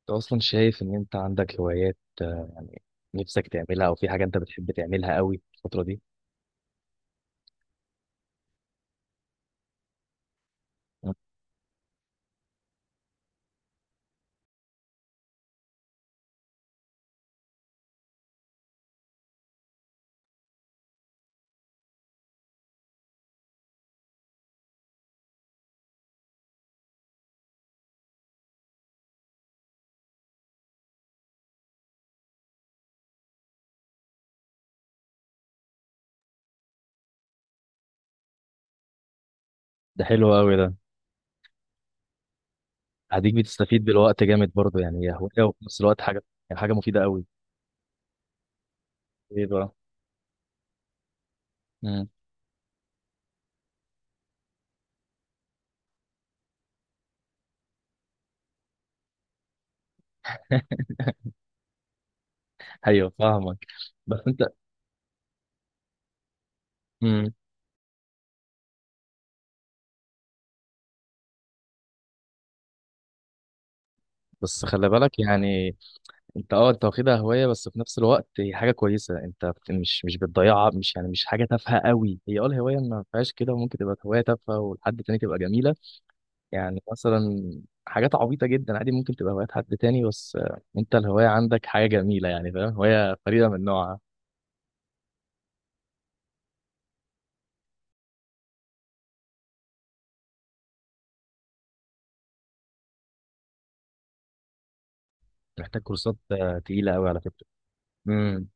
انت اصلا شايف ان انت عندك هوايات يعني نفسك تعملها او في حاجه انت بتحب تعملها قوي الفتره دي. مم. ده حلو قوي ده. هديك بتستفيد بالوقت جامد برضه، يعني هي هوايه وفي نفس الوقت حاجه، يعني حاجه مفيده قوي. ايه بقى؟ مم. ايوه فاهمك. بس انت. مم. بس خلي بالك يعني، انت انت واخدها هواية بس في نفس الوقت هي حاجة كويسة، انت مش بتضيعها، مش يعني مش حاجة تافهة قوي، هي الهواية ما فيهاش كده، وممكن تبقى هواية تافهة ولحد تاني تبقى جميلة. يعني مثلا حاجات عبيطة جدا عادي ممكن تبقى هوايات حد تاني، بس انت الهواية عندك حاجة جميلة، يعني فاهم، هواية فريدة من نوعها. محتاج كورسات تقيلة قوي على فكرة. امم.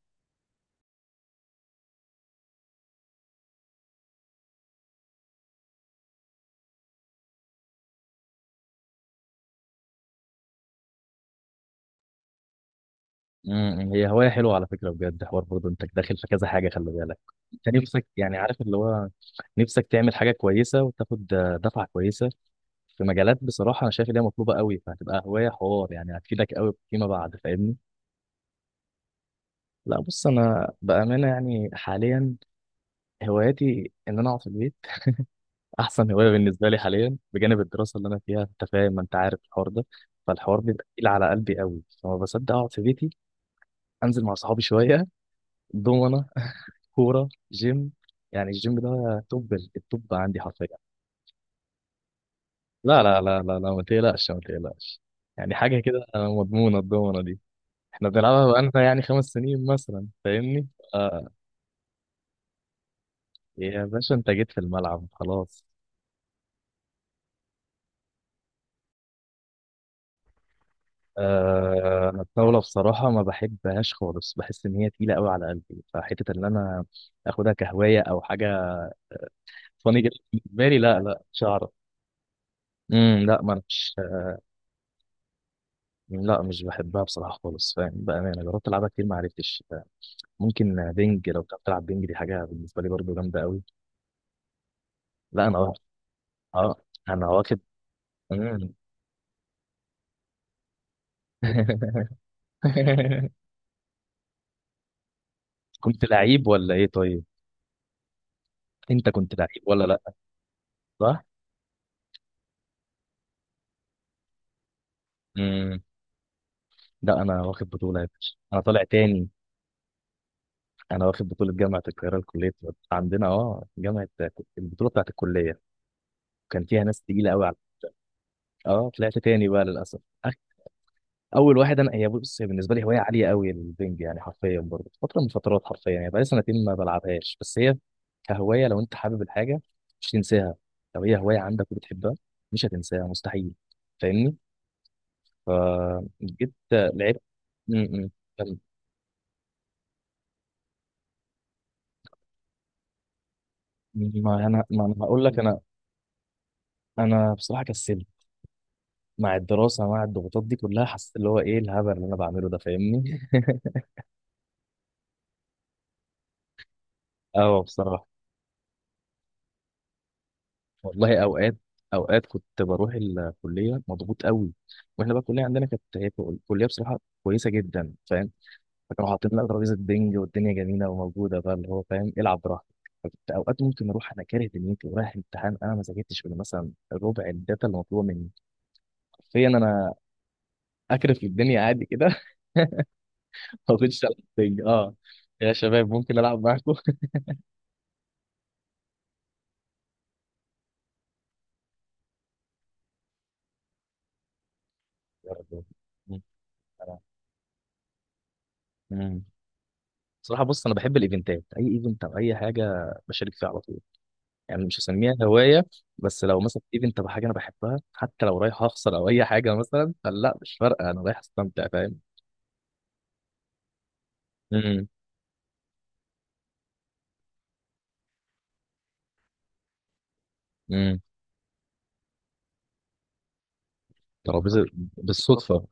امم، هي هواية حلوة على فكرة بجد، حوار برضه، انت داخل في كذا حاجة، خلي بالك. انت نفسك يعني عارف اللي هو نفسك تعمل حاجة كويسة وتاخد دفعة كويسة في مجالات، بصراحة انا شايف ان هي مطلوبة قوي، فهتبقى هواية حوار، يعني هتفيدك قوي فيما بعد، فاهمني؟ لا بص، انا بأمانة يعني حاليا هواياتي ان انا اقعد في البيت، احسن هوايه بالنسبه لي حاليا بجانب الدراسه اللي انا فيها، انت فاهم، ما انت عارف الحوار ده. فالحوار بيبقى تقيل على قلبي قوي، فما بصدق اقعد في بيتي. انزل مع صحابي شويه، دومنه، كوره، جيم، يعني الجيم ده توب التوب عندي حرفيا. لا، ما تقلقش ما تقلقش، يعني حاجه كده مضمونه الدومنه دي. احنا بنلعبها بقالنا يعني 5 سنين مثلا، فاهمني؟ آه، يا باشا انت جيت في الملعب خلاص. أنا الطاولة بصراحة ما بحبهاش خالص، بحس إن هي تقيلة قوي على قلبي، فحتة إن أنا آخدها كهواية أو حاجة فاني جدا بالنسبة لي، لا لا مش هعرف. امم، لا، ما أنا مش. لا مش بحبها بصراحة خالص، فاهم، بأمانة جربت ألعبها كتير ما عرفتش. ممكن بينج، لو بتعرف تلعب بينج دي حاجة بالنسبة لي برضو جامدة قوي. لا أنا واخد. أه أنا واخد. مم. كنت لعيب ولا إيه طيب؟ أنت كنت لعيب ولا لا؟ صح؟ امم، لا أنا واخد بطولة يا باشا، أنا طالع تاني. انا واخد بطوله جامعه القاهره لكليه طب. عندنا اه جامعه، البطوله بتاعت الكليه كان فيها ناس تقيله قوي على. اه طلعت تاني بقى للاسف. أخ- اول واحد. انا هي بص هي بالنسبه لي هوايه عاليه قوي البنج، يعني حرفيا برضه فتره من فترات، حرفيا يعني بقالي سنتين ما بلعبهاش، بس هي كهوايه لو انت حابب الحاجه مش تنساها، لو هي هوايه عندك وبتحبها مش هتنساها مستحيل، فاهمني؟ فجيت لعبت. م- م. ما انا هقول لك، انا انا بصراحه كسلت مع الدراسة، مع الضغوطات دي كلها حسيت اللي هو ايه الهبل اللي انا بعمله ده، فاهمني؟ اه بصراحة، والله اوقات، اوقات كنت بروح الكلية مضغوط قوي، واحنا بقى الكلية عندنا كانت هي كلية بصراحة كويسة جدا، فاهم، فكانوا حاطين لنا ترابيزة بينج والدنيا جميلة وموجودة بقى، اللي هو فاهم العب براحتك. فكنت اوقات ممكن اروح انا كاره دنيتي ورايح امتحان انا ما ذاكرتش غير مثلا ربع الداتا اللي مطلوبة مني، حرفيا انا اكرف الدنيا عادي كده. ما كنتش العب بينج اه، يا شباب ممكن العب معاكم. يا رب. امم، صراحة بص، أنا بحب الإيفنتات، أي إيفنت أو أي حاجة بشارك فيها على طول، يعني مش هسميها هواية، بس لو مثلا إيفنت أو حاجة أنا بحبها حتى لو رايح أخسر أو أي حاجة مثلا، فلا مش فارقة أنا رايح أستمتع، فاهم. امم. امم. ترابيزة. بالصدفة.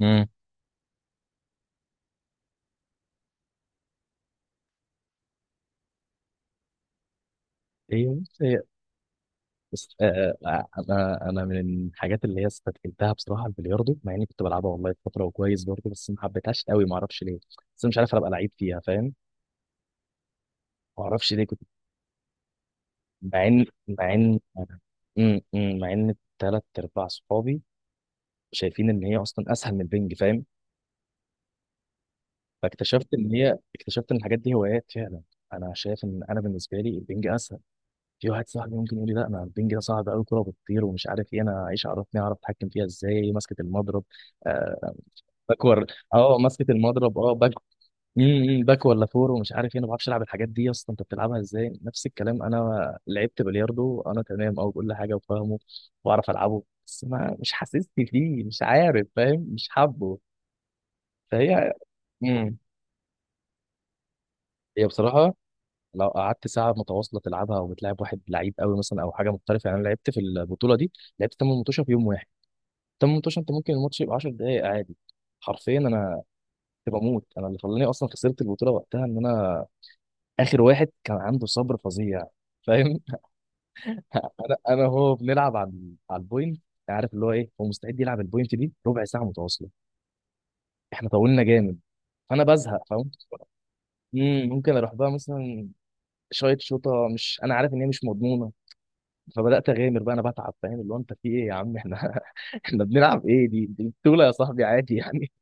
امم. هي بص هي. بس آه آه، أنا من الحاجات اللي هي استثقلتها بصراحة البلياردو، مع إني كنت بلعبها والله فترة وكويس برضه، بس ما حبيتهاش قوي ما أعرفش ليه، بس أنا مش عارف أبقى لعيب فيها، فاهم، ما أعرفش ليه كنت. مع ان مع ان ثلاث ارباع صحابي شايفين ان هي اصلا اسهل من البنج، فاهم، فاكتشفت ان هي، اكتشفت ان الحاجات دي هوايات فعلا. انا شايف ان انا بالنسبه لي البنج اسهل. في واحد صاحبي ممكن يقول لي لا انا البنج ده صعب قوي، كوره بتطير ومش عارف ايه، انا ايش عرفني اعرف اتحكم فيها ازاي ماسكه المضرب، آه، باكور، اه ماسكه المضرب اه، باك ولا فور، ومش عارف ايه، انا ما بعرفش العب الحاجات دي اصلا، انت بتلعبها ازاي؟ نفس الكلام انا لعبت بلياردو انا تمام، او كل حاجه وفاهمه واعرف العبه، بس ما، مش حاسسني فيه، مش عارف فاهم، مش حابه. فهي. امم، هي بصراحه لو قعدت ساعه متواصله تلعبها، او بتلعب واحد لعيب قوي مثلا او حاجه مختلفه، يعني انا لعبت في البطوله دي لعبت 8 مطوشه في يوم واحد، 8 مطوشه، انت ممكن الماتش يبقى 10 دقائق عادي، حرفيا انا كنت بموت. انا اللي خلاني اصلا خسرت البطوله وقتها ان انا اخر واحد كان عنده صبر فظيع، فاهم. انا انا هو بنلعب على على البوينت، عارف اللي هو ايه، هو مستعد يلعب البوينت دي ربع ساعه متواصله، احنا طولنا جامد فانا بزهق، فاهم. امم، ممكن اروح بقى مثلا شايط شوطه، مش انا عارف ان هي مش مضمونه، فبدات اغامر بقى انا بتعب، فاهم، اللي هو انت في ايه يا عم احنا؟ احنا بنلعب ايه؟ دي بطوله يا صاحبي، عادي يعني.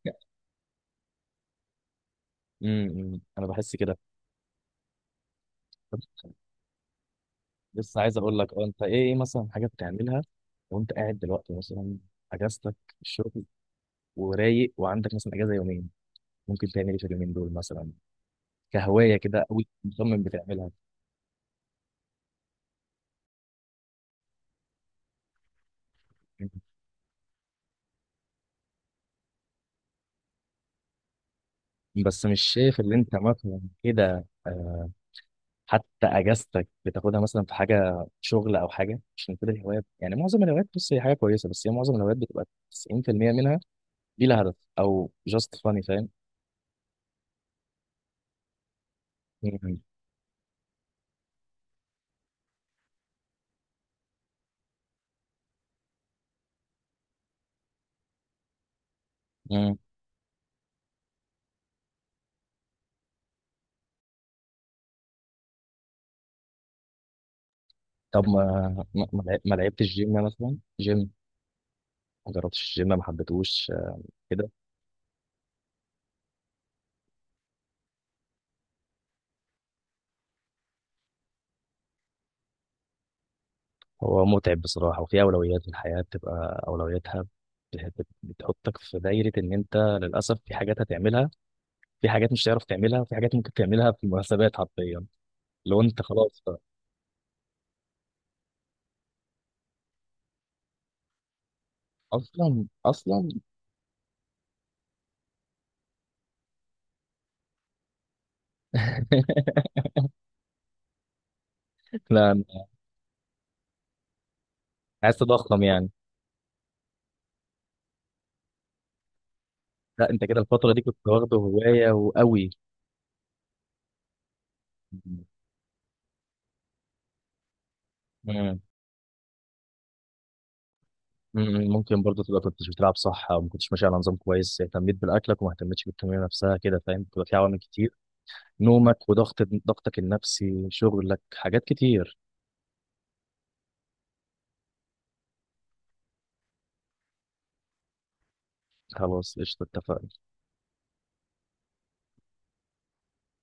امم، انا بحس كده. طب لسه عايز اقول لك، اه انت ايه، ايه مثلا حاجه بتعملها وانت قاعد دلوقتي، مثلا اجازتك في الشغل، ورايق وعندك مثلا اجازه يومين، ممكن تعمل ايه في اليومين دول مثلا؟ كهوايه كده او مصمم بتعملها. بس مش شايف اللي انت مثلا كده حتى اجازتك بتاخدها مثلا في حاجه شغل او حاجه، عشان كده الهوايات يعني، معظم الهوايات بص هي حاجه كويسه، بس هي معظم الهوايات بتبقى 90% منها دي لها هدف او جاست فاني، فاهم. مم. مم. طب ما لعبتش جيم مثلا، جيم ما جربتش الجيم ما حبيتهوش كده؟ هو متعب بصراحة، وفي أولويات في الحياة بتبقى أولوياتها، بتحطك في دايرة إن أنت للأسف في حاجات هتعملها، في حاجات مش هتعرف تعملها، وفي حاجات ممكن تعملها في المناسبات حرفيا، لو أنت خلاص أصلا أصلا. لا عايز تضخم يعني. لا أنت كده الفترة دي كنت واخده هواية وقوي. مم. مم. ممكن برضه تبقى كنتش بتلعب صح، أو ما كنتش ماشي على نظام كويس، اهتميت بالأكلك وما اهتمتش بالتمرين نفسها كده، فاهم، بتبقى في عوامل كتير، نومك وضغط، ضغطك النفسي، شغلك، حاجات كتير. خلاص قشطة اتفقنا.